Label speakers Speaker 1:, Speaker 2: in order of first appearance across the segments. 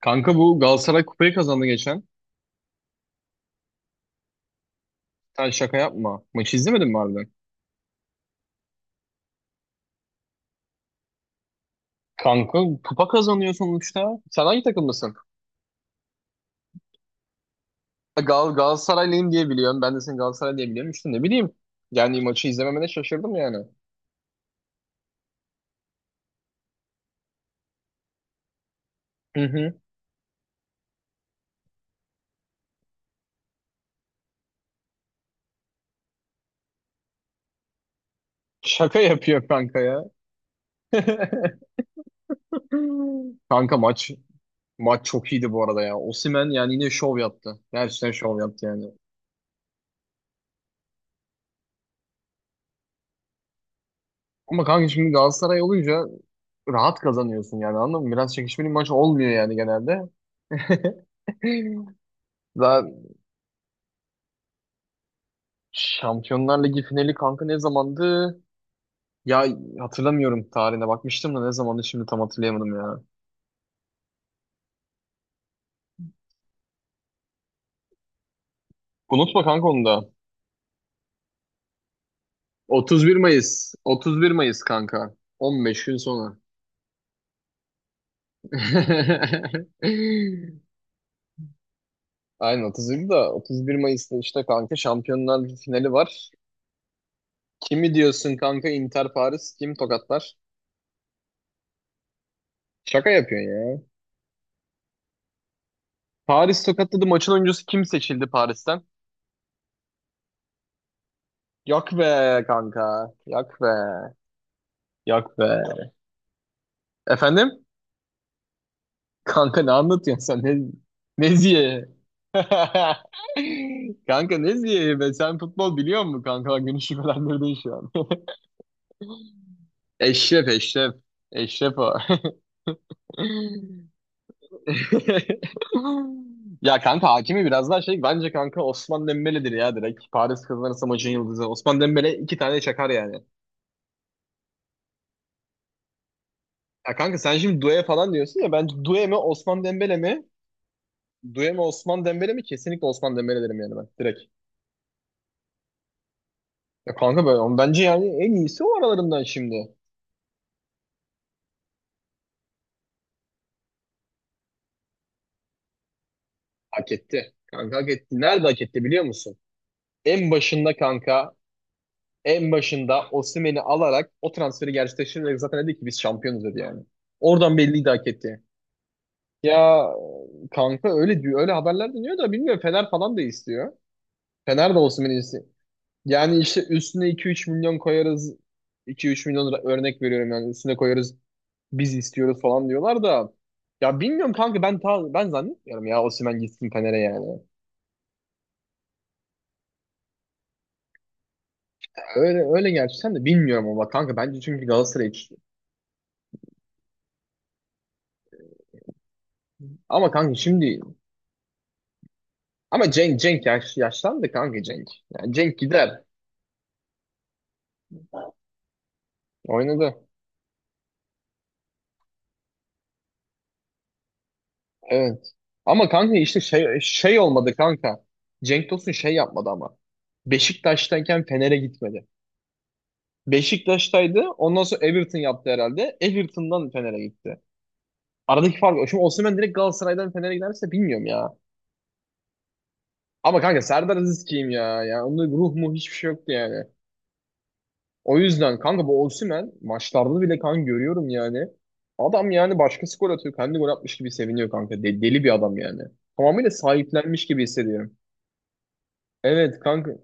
Speaker 1: Kanka bu Galatasaray kupayı kazandı geçen. Sen şaka yapma. Maçı izlemedin mi harbiden? Kanka kupa kazanıyor sonuçta. Sen hangi takımlısın? Galatasaraylıyım diye biliyorum. Ben de seni Galatasaray diye biliyorum. İşte ne bileyim. Yani maçı izlememene şaşırdım yani. Hı hı. Şaka yapıyor kanka ya. Kanka maç çok iyiydi bu arada ya. Osimhen yani yine şov yaptı. Gerçekten şov yaptı yani. Ama kanka şimdi Galatasaray olunca rahat kazanıyorsun yani anladın mı? Biraz çekişmeli bir maç olmuyor yani genelde. Daha Şampiyonlar Ligi finali kanka ne zamandı? Ya hatırlamıyorum, tarihine bakmıştım da ne zamandı şimdi tam hatırlayamadım ya. Unutma kanka onu da. 31 Mayıs. 31 Mayıs kanka. 15 gün sonra. Aynen, 31 da 31 Mayıs'ta işte kanka Şampiyonlar Ligi finali var. Kimi diyorsun kanka, Inter Paris kim tokatlar? Şaka yapıyorsun ya. Paris tokatladı, maçın oyuncusu kim seçildi Paris'ten? Yak be kanka. Yak be. Yak be. Efendim? Kanka ne anlatıyorsun sen? Neziye? Kanka Neziye be, sen futbol biliyor musun kanka? Günü şüphelendirdin şu an. Eşref. Eşref o. Ya kanka Hakimi biraz daha şey, bence kanka Osman Dembele'dir ya direkt. Paris kazanırsa maçın yıldızı. Osman Dembele iki tane çakar yani. Ya kanka sen şimdi Due falan diyorsun ya, bence Due mi Osman Dembele mi? Due mi Osman Dembele mi? Kesinlikle Osman Dembele derim yani ben direkt. Ya kanka böyle bence yani en iyisi o aralarından şimdi. Hak etti. Kanka hak etti. Nerede hak etti biliyor musun? En başında kanka, en başında Osimhen'i alarak o transferi gerçekleştirerek zaten dedi ki biz şampiyonuz dedi yani. Oradan belliydi, hak etti. Ya kanka öyle diyor, öyle haberler dönüyor da bilmiyorum, Fener falan da istiyor. Fener de Osimhen'i istiyor. Yani işte üstüne 2-3 milyon koyarız. Örnek veriyorum yani üstüne koyarız. Biz istiyoruz falan diyorlar da ya bilmiyorum kanka ben zannetmiyorum ya Osimhen gitsin Fener'e yani. Öyle öyle gerçekten de bilmiyorum ama kanka bence çünkü Galatasaray hiç- ama kanka şimdi ama Cenk yaşlandı kanka Cenk. Yani Cenk gider. Oynadı. Evet. Ama kanka işte şey olmadı kanka. Cenk Tosun şey yapmadı ama. Beşiktaş'tayken Fener'e gitmedi. Beşiktaş'taydı. Ondan sonra Everton yaptı herhalde. Everton'dan Fener'e gitti. Aradaki fark o. Şimdi Osimhen direkt Galatasaray'dan Fener'e giderse bilmiyorum ya. Ama kanka Serdar Aziz kim ya? Ya onun ruh mu, hiçbir şey yoktu yani. O yüzden kanka bu Osimhen maçlarda bile kan görüyorum yani. Adam yani başkası gol atıyor. Kendi gol atmış gibi seviniyor kanka. Deli bir adam yani. Tamamıyla sahiplenmiş gibi hissediyorum. Evet kanka.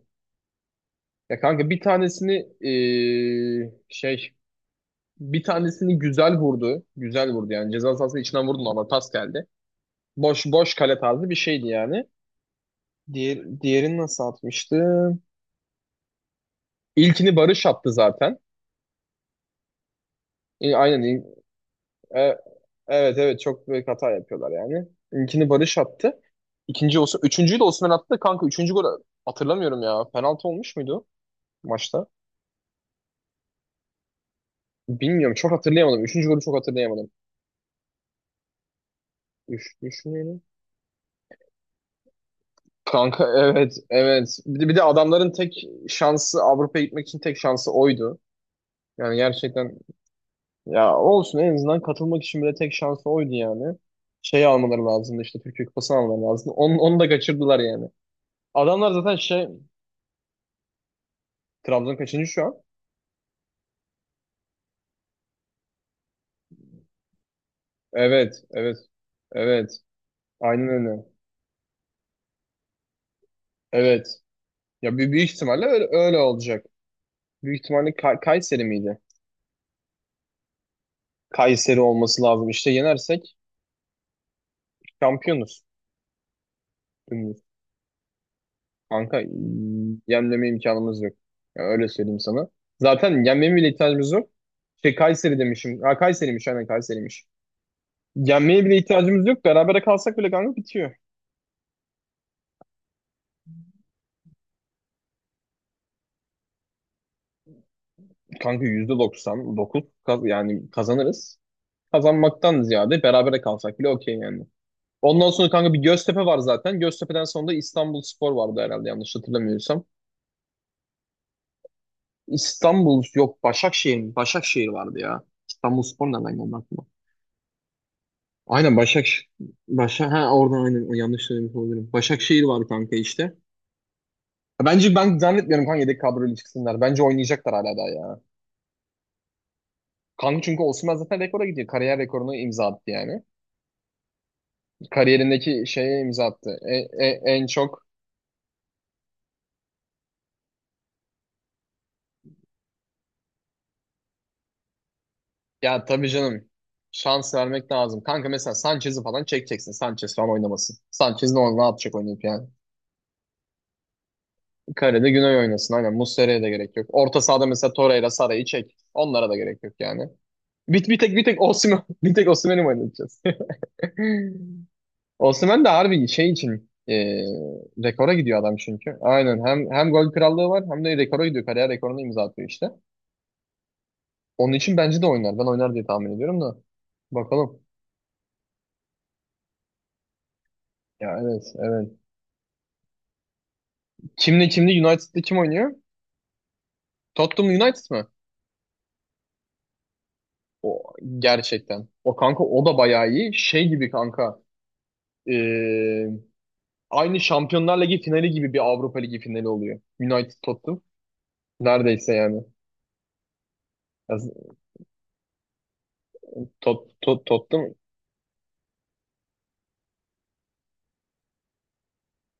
Speaker 1: Ya kanka bir tanesini eee, şey bir tanesini güzel vurdu. Güzel vurdu yani. Ceza sahası içinden vurdu ama pas geldi. Boş boş kale tarzı bir şeydi yani. Diğerini nasıl atmıştı? İlkini Barış attı zaten. E, aynen. E, evet evet çok büyük hata yapıyorlar yani. İlkini Barış attı. İkinci olsun. Üçüncüyü de Osimhen attı. Kanka üçüncü golü hatırlamıyorum ya. Penaltı olmuş muydu maçta? Bilmiyorum. Çok hatırlayamadım. Üçüncü golü çok hatırlayamadım. Düşünelim. Kanka evet evet. Bir de adamların tek şansı Avrupa'ya gitmek için tek şansı oydu. Yani gerçekten, ya olsun en azından katılmak için bile tek şansı oydu yani. Şey almaları lazımdı, işte Türkiye Kupası almaları lazımdı. Onu da kaçırdılar yani. Adamlar zaten şey. Trabzon kaçıncı şu an? Evet, evet, evet. Aynen öyle. Evet. Ya bir büyük ihtimalle öyle olacak. Büyük ihtimalle Kayseri miydi? Kayseri olması lazım. İşte yenersek şampiyonuz. Dümdüz. Kanka yenmeme imkanımız yok. Ya öyle söyleyeyim sana. Zaten yenmeye bile ihtiyacımız yok. Şey Kayseri demişim. Ha Kayseri'miş, aynen Kayseri'miş. Yenmeye bile ihtiyacımız yok. Berabere kalsak bile kanka bitiyor. Kanka %99 yani kazanırız. Kazanmaktan ziyade berabere kalsak bile okey yani. Ondan sonra kanka bir Göztepe var zaten. Göztepe'den sonra da İstanbulspor vardı herhalde yanlış hatırlamıyorsam. İstanbul yok, Başakşehir mi? Başakşehir vardı ya. İstanbulspor nereden geldi aklıma? Aynen Başakşehir. Başak ha oradan, aynen yanlış söylemiş olabilirim. Başakşehir var kanka işte. Ya bence ben zannetmiyorum kanka yedek kadroyla çıksınlar. Bence oynayacaklar hala daha ya. Kanka çünkü Osimhen zaten rekora gidiyor. Kariyer rekorunu imza attı yani. Kariyerindeki şeye imza attı. En çok ya tabii canım. Şans vermek lazım. Kanka mesela Sanchez'i falan çekeceksin. Sanchez falan oynamasın. Sanchez ne yapacak oynayıp yani. Kalede Güney oynasın. Aynen Muslera'ya da gerek yok. Orta sahada mesela Torreira, Sara'yı çek. Onlara da gerek yok yani. Bir tek Osimhen bir tek Osimhen'i mi oynatacağız? Osimhen de harbi şey için e, rekora gidiyor adam çünkü. Aynen hem gol krallığı var hem de rekora gidiyor. Kariyer rekorunu imza atıyor işte. Onun için bence de oynar. Ben oynar diye tahmin ediyorum da. Bakalım. Ya evet evet. Kimle United'da kim oynuyor? Tottenham United mı? O gerçekten. O kanka o da bayağı iyi. Şey gibi kanka. Ee, aynı Şampiyonlar Ligi finali gibi bir Avrupa Ligi finali oluyor. United Tottenham. Neredeyse yani. Ya, Tottenham.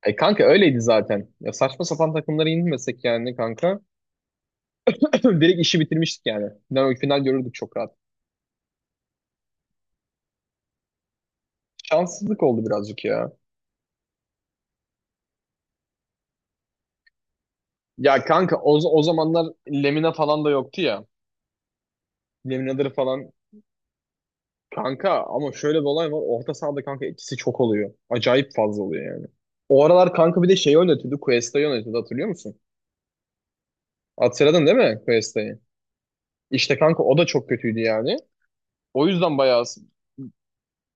Speaker 1: E kanka öyleydi zaten. Ya saçma sapan takımlara inmesek yani kanka. Direkt işi bitirmiştik yani. Final görürdük çok rahat. Şanssızlık oldu birazcık ya. Ya kanka o, o zamanlar Lemina falan da yoktu ya. Lemina'ları falan. Kanka ama şöyle bir olay var. Orta sahada kanka ikisi çok oluyor. Acayip fazla oluyor yani. O aralar kanka bir de şeyi oynatıyordu. Cuesta'yı oynatıyordu hatırlıyor musun? Hatırladın değil mi Cuesta'yı? İşte kanka o da çok kötüydü yani. O yüzden bayağı,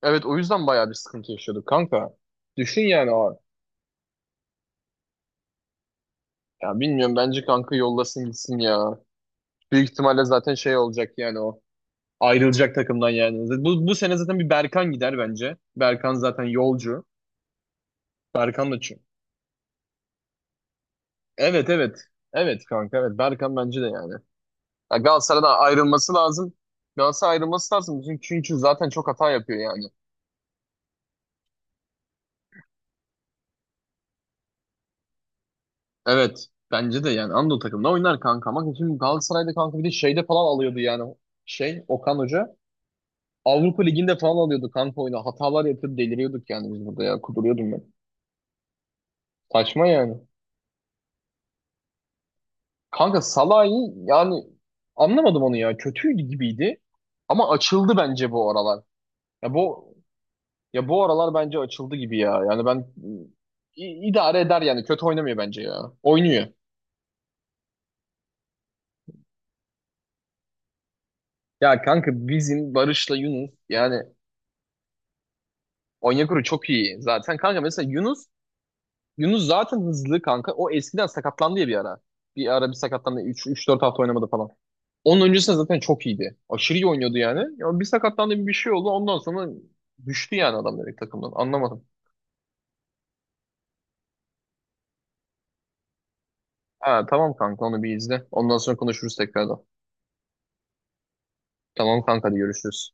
Speaker 1: evet o yüzden bayağı bir sıkıntı yaşıyorduk kanka. Düşün yani o. Ya bilmiyorum bence kanka yollasın gitsin ya. Büyük ihtimalle zaten şey olacak yani o. Ayrılacak takımdan yani. Bu sene zaten bir Berkan gider bence. Berkan zaten yolcu. Berkan da evet evet. Evet kanka evet. Berkan bence de yani. Ya Galatasaray'dan ayrılması lazım. Galatasaray ayrılması lazım. Çünkü zaten çok hata yapıyor yani. Evet. Bence de yani Anadolu takımında oynar kanka. Ama şimdi Galatasaray'da kanka bir de şeyde falan alıyordu yani. Şey Okan Hoca. Avrupa Ligi'nde falan alıyordu kanka oyunu. Hatalar yapıyordu, deliriyorduk yani biz burada ya. Kuduruyordum ben. Saçma yani. Kanka Salah'ı yani anlamadım onu ya. Kötü gibiydi. Ama açıldı bence bu aralar. Ya bu, ya bu aralar bence açıldı gibi ya. Yani ben idare eder yani. Kötü oynamıyor bence ya. Oynuyor. Ya kanka bizim Barış'la Yunus yani Onyekuru çok iyi zaten. Kanka mesela Yunus, Yunus zaten hızlı kanka. O eskiden sakatlandı ya bir ara. Bir ara bir sakatlandı. Üç dört hafta oynamadı falan. Onun öncesinde zaten çok iyiydi. Aşırı iyi oynuyordu yani. Ya bir sakatlandı bir şey oldu. Ondan sonra düştü yani adam direkt takımdan. Anlamadım. Ha, tamam kanka onu bir izle. Ondan sonra konuşuruz tekrardan. Tamam kanka, hadi görüşürüz.